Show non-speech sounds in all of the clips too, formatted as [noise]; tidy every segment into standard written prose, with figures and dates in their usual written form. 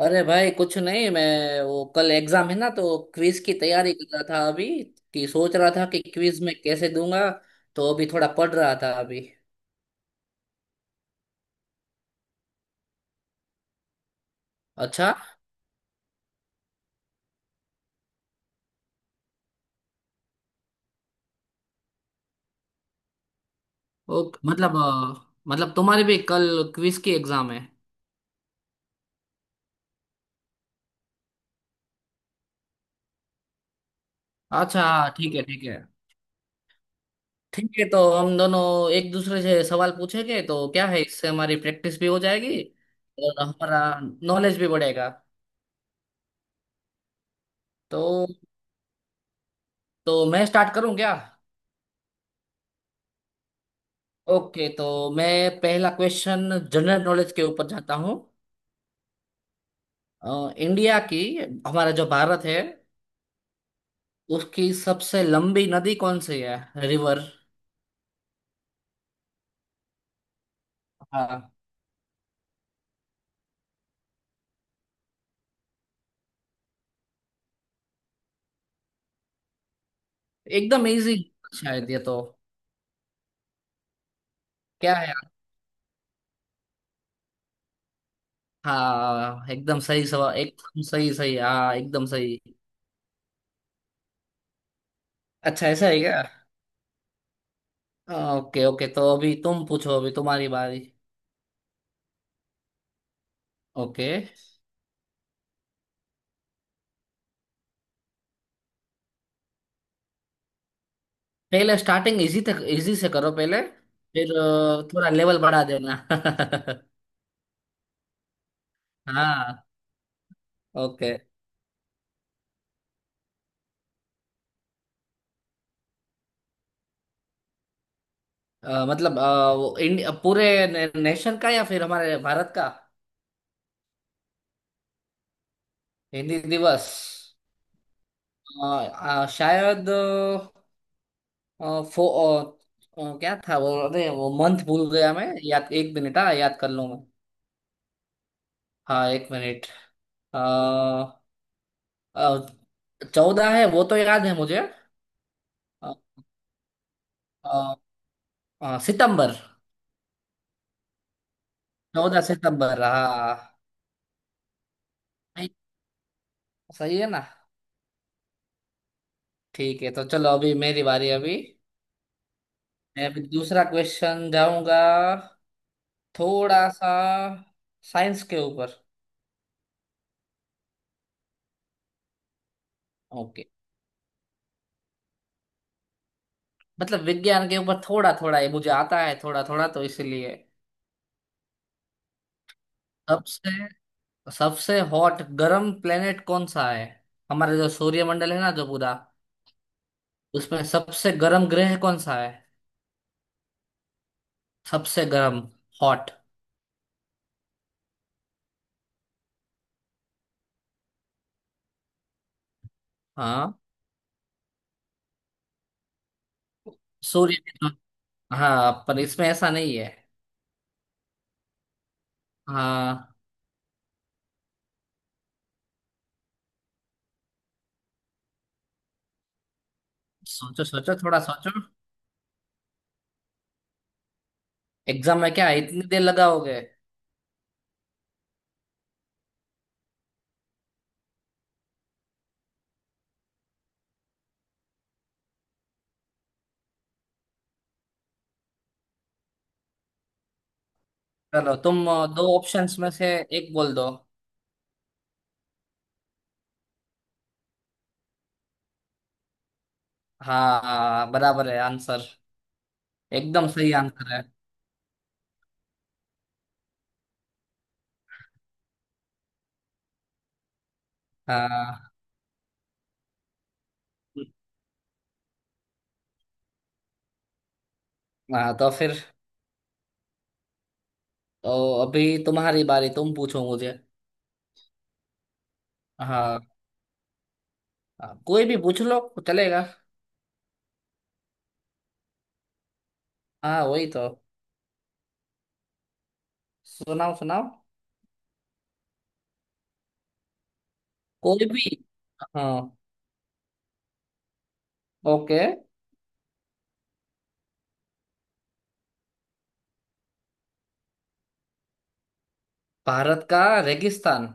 अरे भाई कुछ नहीं। मैं वो कल एग्जाम है ना, तो क्विज की तैयारी कर रहा था अभी। कि सोच रहा था कि क्विज में कैसे दूंगा। तो अभी थोड़ा पढ़ रहा था अभी। अच्छा। ओ मतलब मतलब तुम्हारी भी कल क्विज की एग्जाम है? अच्छा हाँ, ठीक है ठीक है। ठीक है तो हम दोनों एक दूसरे से सवाल पूछेंगे, तो क्या है, इससे हमारी प्रैक्टिस भी हो जाएगी और हमारा नॉलेज भी बढ़ेगा। तो तो मैं स्टार्ट करूं क्या? ओके तो मैं पहला क्वेश्चन जनरल नॉलेज के ऊपर जाता हूँ। इंडिया की, हमारा जो भारत है, उसकी सबसे लंबी नदी कौन सी है? रिवर। हाँ एकदम इजी। शायद ये तो, क्या है? हाँ एकदम सही सवाल, एकदम सही सही, हाँ एकदम सही। अच्छा ऐसा है क्या? हाँ, ओके ओके, तो अभी तुम पूछो, अभी तुम्हारी बारी। ओके। पहले स्टार्टिंग इजी तक इजी से करो पहले। फिर थोड़ा लेवल बढ़ा देना। [laughs] हाँ। ओके। मतलब वो नेशन का या फिर हमारे भारत का? हिंदी दिवस। अ, अ, शायद अ, फो अ, अ, क्या था वो? अरे वो मंथ भूल गया मैं। याद एक मिनट, हाँ याद कर लूँ मैं। हाँ एक मिनट। 14 है वो तो याद है मुझे। अ, अ, सितंबर। 14 सितंबर हाँ। नहीं, सही है ना? ठीक है तो चलो अभी मेरी बारी अभी। मैं अभी दूसरा क्वेश्चन जाऊंगा, थोड़ा सा साइंस के ऊपर। ओके, मतलब विज्ञान के ऊपर थोड़ा थोड़ा ये मुझे आता है थोड़ा थोड़ा, तो इसलिए। सबसे सबसे हॉट गर्म प्लेनेट कौन सा है? हमारे जो सूर्यमंडल है ना, जो पूरा, उसमें सबसे गर्म ग्रह कौन सा है? सबसे गर्म। हॉट। हाँ। सूर्य के तो- हाँ पर इसमें ऐसा नहीं है। हाँ। सोचो सोचो थोड़ा सोचो। एग्जाम में क्या इतनी देर लगाओगे? चलो तुम दो ऑप्शंस में से एक बोल दो। हाँ हाँ, बराबर है आंसर। एकदम सही आंसर है। हाँ। हाँ तो फिर। तो अभी तुम्हारी बारी, तुम पूछो मुझे। हाँ हाँ, कोई भी पूछ लो, चलेगा। हाँ वही तो। सुनाओ सुनाओ। कोई भी। हाँ। ओके। भारत का। रेगिस्तान।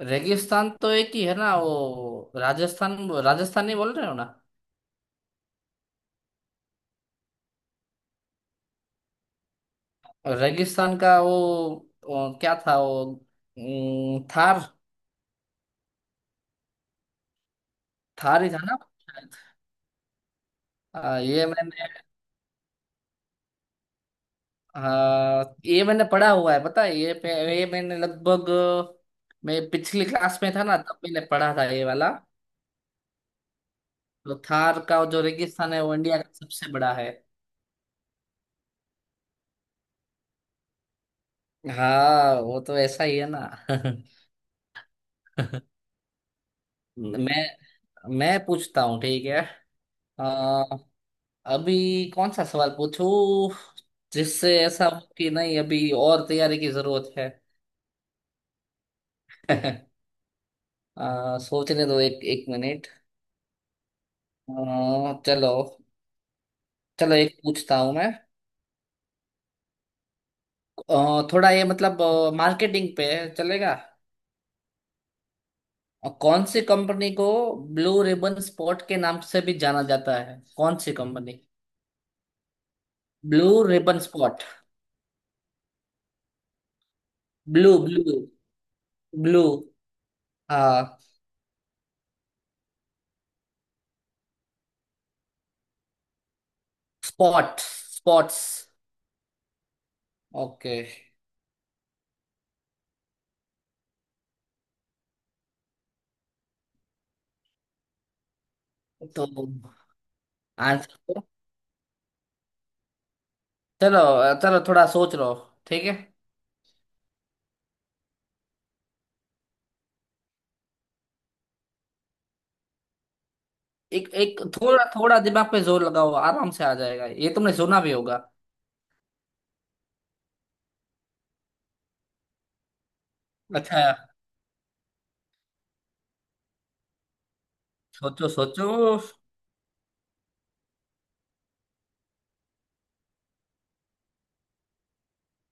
रेगिस्तान तो एक ही है ना, वो राजस्थान। राजस्थान नहीं बोल रहे हो ना? रेगिस्तान का वो क्या था वो? थार। थार ही था ना? ये मैंने, हाँ ये मैंने पढ़ा हुआ है पता है, ये ये मैंने लगभग, मैं पिछली क्लास में था ना, तब मैंने पढ़ा था ये वाला। तो थार का जो रेगिस्तान है वो इंडिया का सबसे बड़ा है। हाँ वो तो ऐसा ही है ना। [laughs] मैं मैं पूछता हूँ ठीक है। अ, अभी कौन सा सवाल पूछूं, जिससे ऐसा हो कि नहीं अभी और तैयारी की जरूरत है। [laughs] सोचने दो एक एक मिनट। चलो, चलो एक पूछता हूँ। थोड़ा ये मतलब मार्केटिंग पे, चलेगा? और कौन सी कंपनी को ब्लू रिबन स्पॉट के नाम से भी जाना जाता है, कौन सी company? Blue ribbon spot. Blue blue blue हाँ। स्पॉट। स्पॉट्स। ओके। तो आंसर, चलो चलो थोड़ा सोच लो, ठीक है। एक एक थोड़ा थोड़ा दिमाग पे जोर लगाओ, आराम से आ जाएगा, ये तुमने सुना भी होगा। अच्छा। सोचो सोचो।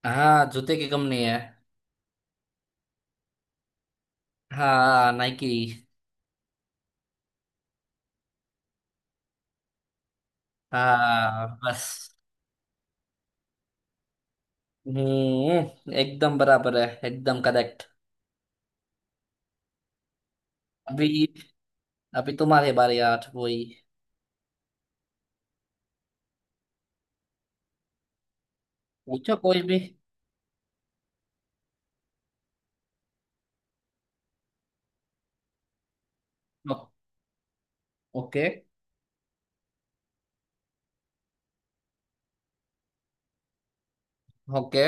हाँ जूते की कंपनी है। हाँ नाइकी। हाँ बस। एकदम बराबर है, एकदम करेक्ट। अभी अभी तुम्हारे बारे यार वही। पूछो कोई भी। ओ- ओके ओके।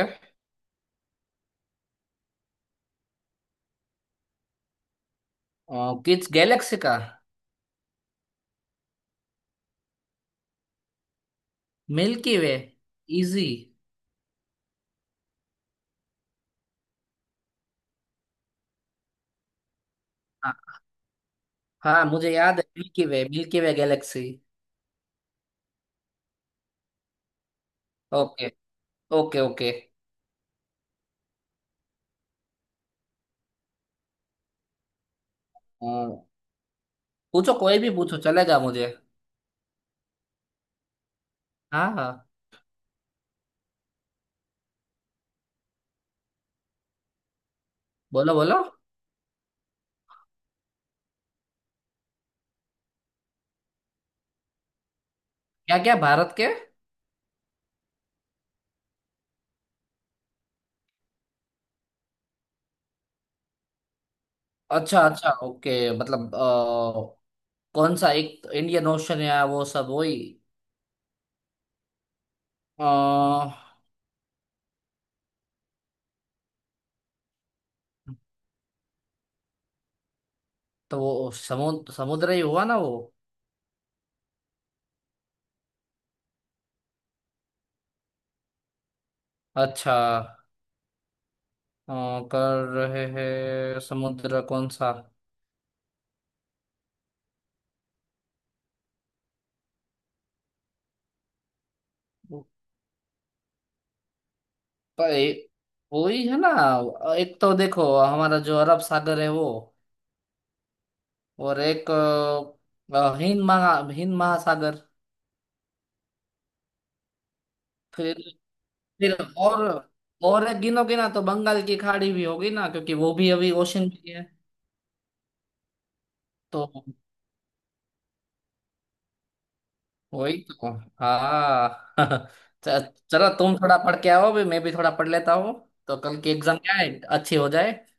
किस गैलेक्सी का? Milky way. इजी। हाँ हाँ, मुझे याद है, milky way, milky way galaxy. Okay okay okay. पूछो कोई भी, पूछो चलेगा मुझे। हाँ हाँ। बोलो बोलो। क्या क्या भारत के? अच्छा अच्छा ओके, मतलब कौन सा, एक इंडियन ओशन, या वो सब वही? अ। तो वो समुद्र समुद्र ही हुआ ना वो? अच्छा। अ, कर रहे हैं समुद्र कौन सा। पे- वही है ना? एक तो देखो हमारा जो अरब सागर है वो, और एक हिंद महा हिंद महासागर। फिर फिर और और एक गिनो, गिना तो बंगाल की खाड़ी भी होगी ना, क्योंकि वो भी अभी ओशन में ही है। तो वही तो। हाँ। [laughs] चलो तुम थोड़ा पढ़ के आओ भी, मैं भी थोड़ा पढ़ लेता हूँ। तो कल की एग्जाम क्या है, अच्छी हो जाए।